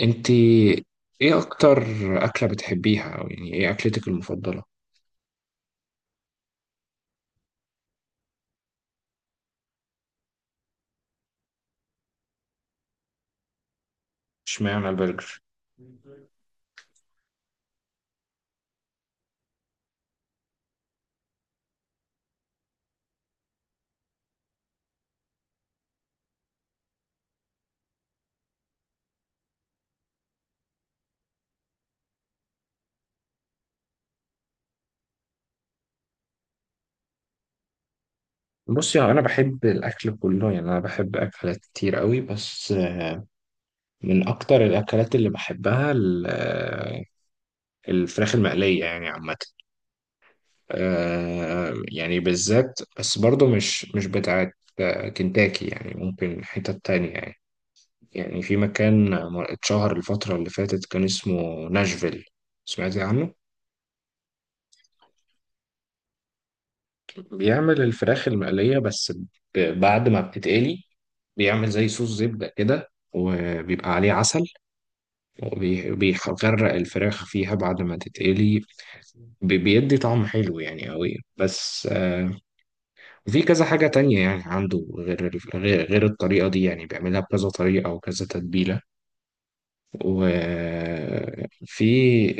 انت، ايه اكتر اكله بتحبيها؟ او يعني ايه اكلتك المفضله؟ اشمعنى البرجر؟ بصي، يعني انا بحب الاكل كله، يعني انا بحب اكلات كتير قوي، بس من اكتر الاكلات اللي بحبها الفراخ المقليه يعني عامه. يعني بالذات، بس برضو مش بتاعت كنتاكي، يعني ممكن حتة تانية، يعني يعني في مكان اتشهر الفترة اللي فاتت كان اسمه ناشفيل. سمعتي عنه؟ بيعمل الفراخ المقلية بس، بعد ما بتتقلي بيعمل زي صوص زبدة كده وبيبقى عليه عسل، وبيغرق الفراخ فيها بعد ما تتقلي. بيدي طعم حلو يعني قوي، بس في كذا حاجة تانية، يعني عنده غير ال- غير غير الطريقة دي، يعني بيعملها بكذا طريقة وكذا تتبيلة. وفي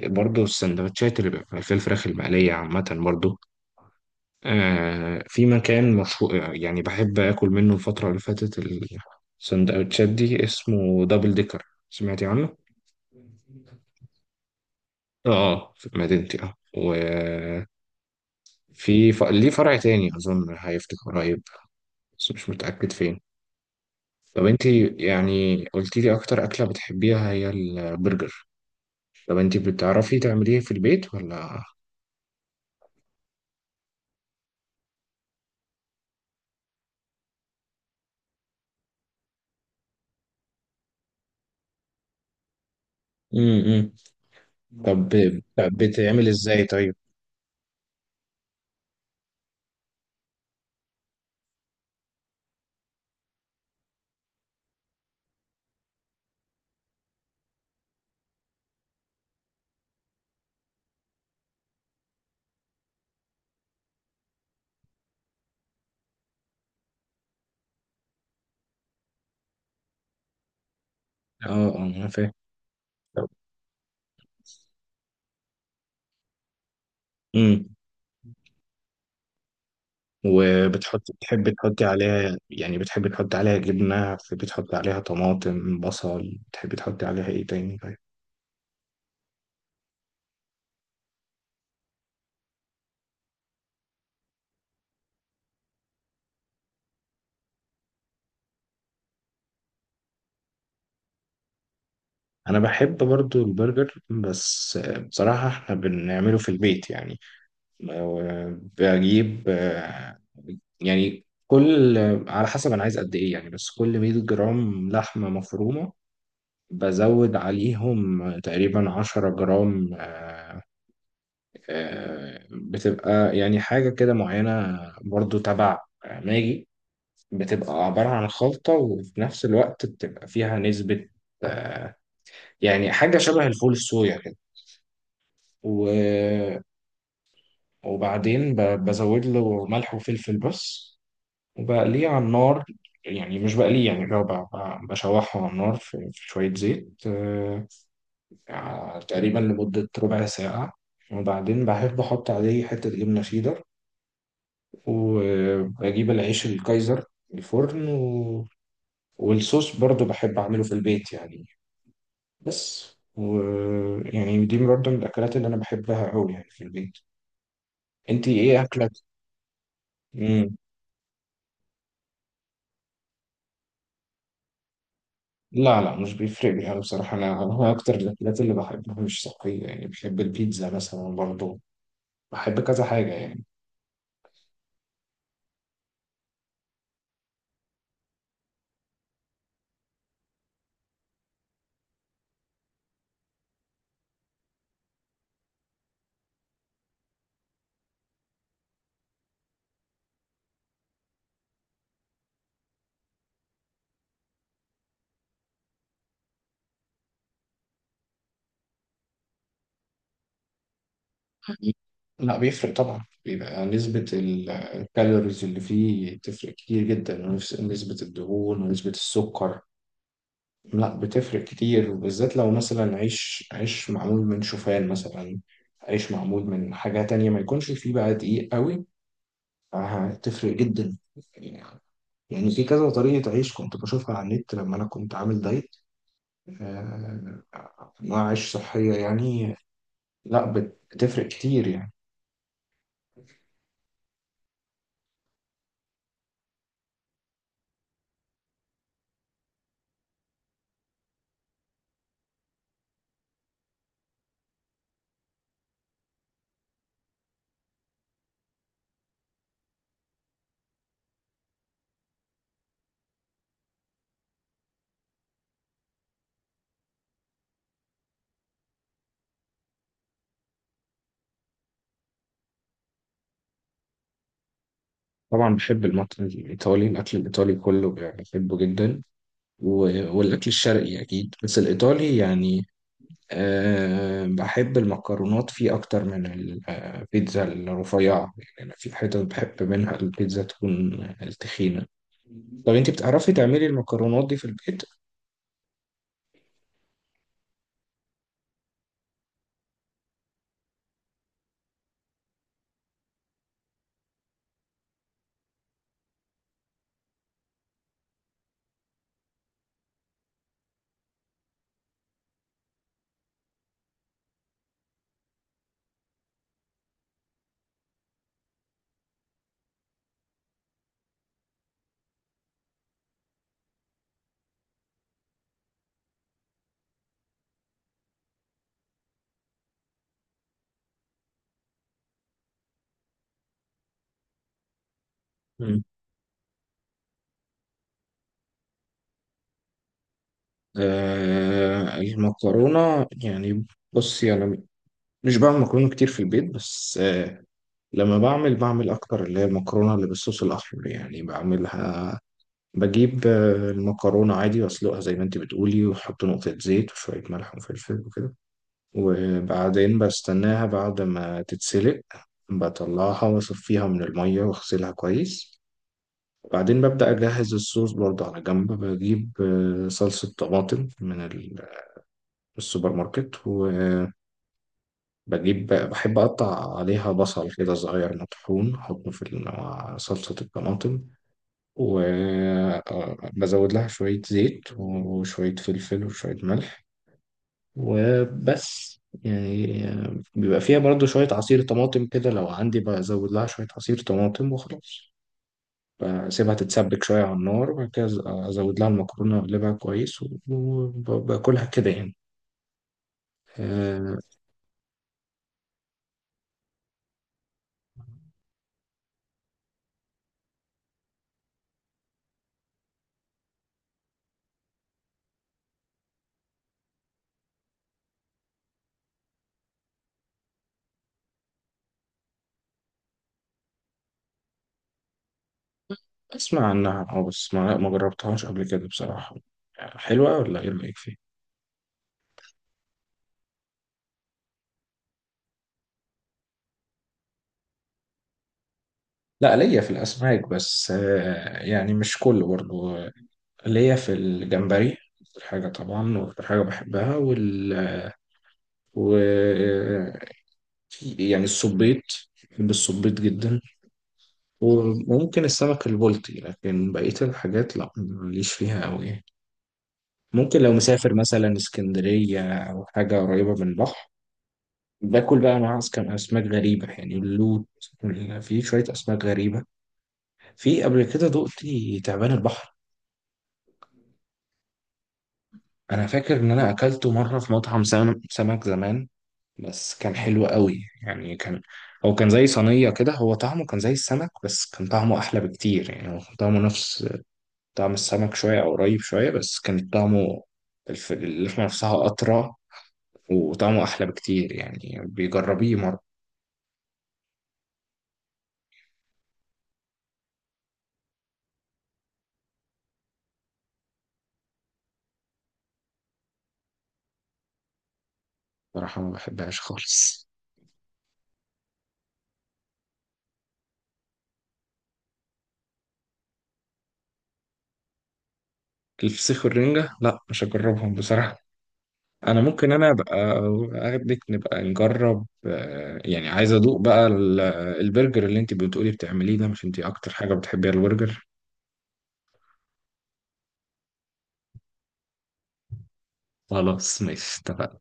برضه السندوتشات اللي بيبقى في الفراخ المقلية عامة برضه. في مكان مشهور يعني بحب آكل منه الفترة اللي فاتت، السندوتشات دي اسمه دبل ديكر. سمعتي عنه؟ اه في مدينتي، اه. وفي ليه فرع تاني أظن هيفتح قريب، بس مش متأكد فين. طب انتي يعني قلتي لي أكتر أكلة بتحبيها هي البرجر، طب انتي بتعرفي تعمليه في البيت ولا؟ امم. طب، بتعمل ازاي طيب؟ اه، اه، أنا فاهم. طب- مم. بتحب تحطي عليها، يعني بتحب تحطي عليها جبنة، بتحب تحطي عليها طماطم، بصل، بتحب تحطي عليها ايه تاني طيب؟ انا بحب برضو البرجر، بس بصراحة احنا بنعمله في البيت يعني. بجيب يعني كل، على حسب انا عايز قد ايه يعني، بس كل 100 جرام لحمة مفرومة بزود عليهم تقريبا 10 جرام. بتبقى يعني حاجة كده معينة، برضو تبع ماجي. بتبقى عبارة عن خلطة وفي نفس الوقت بتبقى فيها نسبة، آه، يعني حاجة شبه الفول الصويا كده. و- وبعدين بزود له ملح وفلفل بس، وبقليه على النار. يعني مش بقليه، يعني لو بشوحه على النار في شوية زيت، تقريبا لمدة ربع ساعة. وبعدين بحب أحط عليه حتة جبنة شيدر، واجيب العيش الكايزر، الفرن والصوص برضو بحب اعمله في البيت يعني. بس، ويعني دي برضو من الاكلات اللي انا بحبها قوي يعني في البيت. انتي ايه اكلك؟ مم. لا، لا، مش بيفرق لي. انا بصراحه انا هو اكتر الاكلات اللي بحبها مش صحيه، يعني بحب البيتزا مثلا برضو، بحب كذا حاجه يعني. لا بيفرق طبعا، بيبقى نسبة الكالوريز اللي فيه تفرق كتير جدا، نسبة الدهون ونسبة السكر، لا بتفرق كتير، وبالذات لو مثلا عيش معمول من شوفان مثلا، عيش معمول من حاجة تانية ما يكونش فيه بقى دقيق قوي، هتفرق جدا. يعني في كذا طريقة عيش كنت بشوفها على النت لما أنا كنت عامل دايت، آه، أنواع عيش صحية يعني. لا بتفرق كتير يعني. طبعا بحب المطبخ الإيطالي، الأكل الإيطالي كله بحبه جدا. والأكل الشرقي أكيد، بس الإيطالي يعني، أه بحب المكرونات فيه أكتر من البيتزا الرفيعة. يعني أنا في حتت بحب منها البيتزا تكون التخينة. طب أنت بتعرفي تعملي المكرونات دي في البيت؟ مم. أه، المكرونة يعني، بصي أنا مش بعمل مكرونة كتير في البيت، بس أه لما بعمل أكتر اللي هي المكرونة اللي بالصوص الأحمر، يعني بعملها، بجيب المكرونة عادي وأسلقها زي ما أنت بتقولي، وأحط نقطة زيت وشوية ملح وفلفل وكده. وبعدين بستناها بعد ما تتسلق، بطلعها واصفيها من المية واغسلها كويس. بعدين ببدأ أجهز الصوص برضه على جنب، بجيب صلصة طماطم من السوبر ماركت، وبجيب، بحب أقطع عليها بصل كده صغير مطحون أحطه مع صلصة الطماطم، وبزود لها شوية زيت وشوية فلفل وشوية ملح وبس. يعني بيبقى فيها برضو شوية عصير طماطم كده، لو عندي بزود لها شوية عصير طماطم وخلاص. بسيبها تتسبك شوية على النار، وبعد كده أزود لها المكرونة وأقلبها كويس، وباكلها كده يعني. آه، أسمع عنها، أه، بس ما جربتهاش قبل كده بصراحة. حلوة ولا إيه رأيك فيها؟ لا، ليا في الأسماك بس، يعني مش كله برضو، ليا في الجمبري أكتر حاجة طبعا، وأكتر حاجة بحبها وال... و يعني الصبيط، بحب الصبيط جدا، وممكن السمك البلطي، لكن بقية الحاجات لا ماليش فيها أوي يعني. ممكن لو مسافر مثلا اسكندرية أو حاجة قريبة من البحر باكل بقى، مع كان أسماك غريبة يعني اللوت في شوية أسماك غريبة، في قبل كده دقت تعبان البحر. أنا فاكر إن أنا أكلته مرة في مطعم سمك زمان، بس كان حلو قوي يعني. كان هو كان زي صينية كده، هو طعمه كان زي السمك، بس كان طعمه أحلى بكتير، يعني هو كان طعمه نفس طعم السمك شوية أو قريب شوية، بس كان طعمه، اللحمة نفسها أطرى وطعمه أحلى بكتير. يعني بيجربيه مرة. بصراحة ما بحبهاش خالص، الفسيخ والرنجة لا مش هجربهم بصراحة. أنا ممكن أنا أبقى أخدك نبقى نجرب، يعني عايز أدوق بقى البرجر اللي أنت بتقولي بتعمليه ده، مش أنت أكتر حاجة بتحبيها البرجر؟ خلاص ماشي، اتفقنا.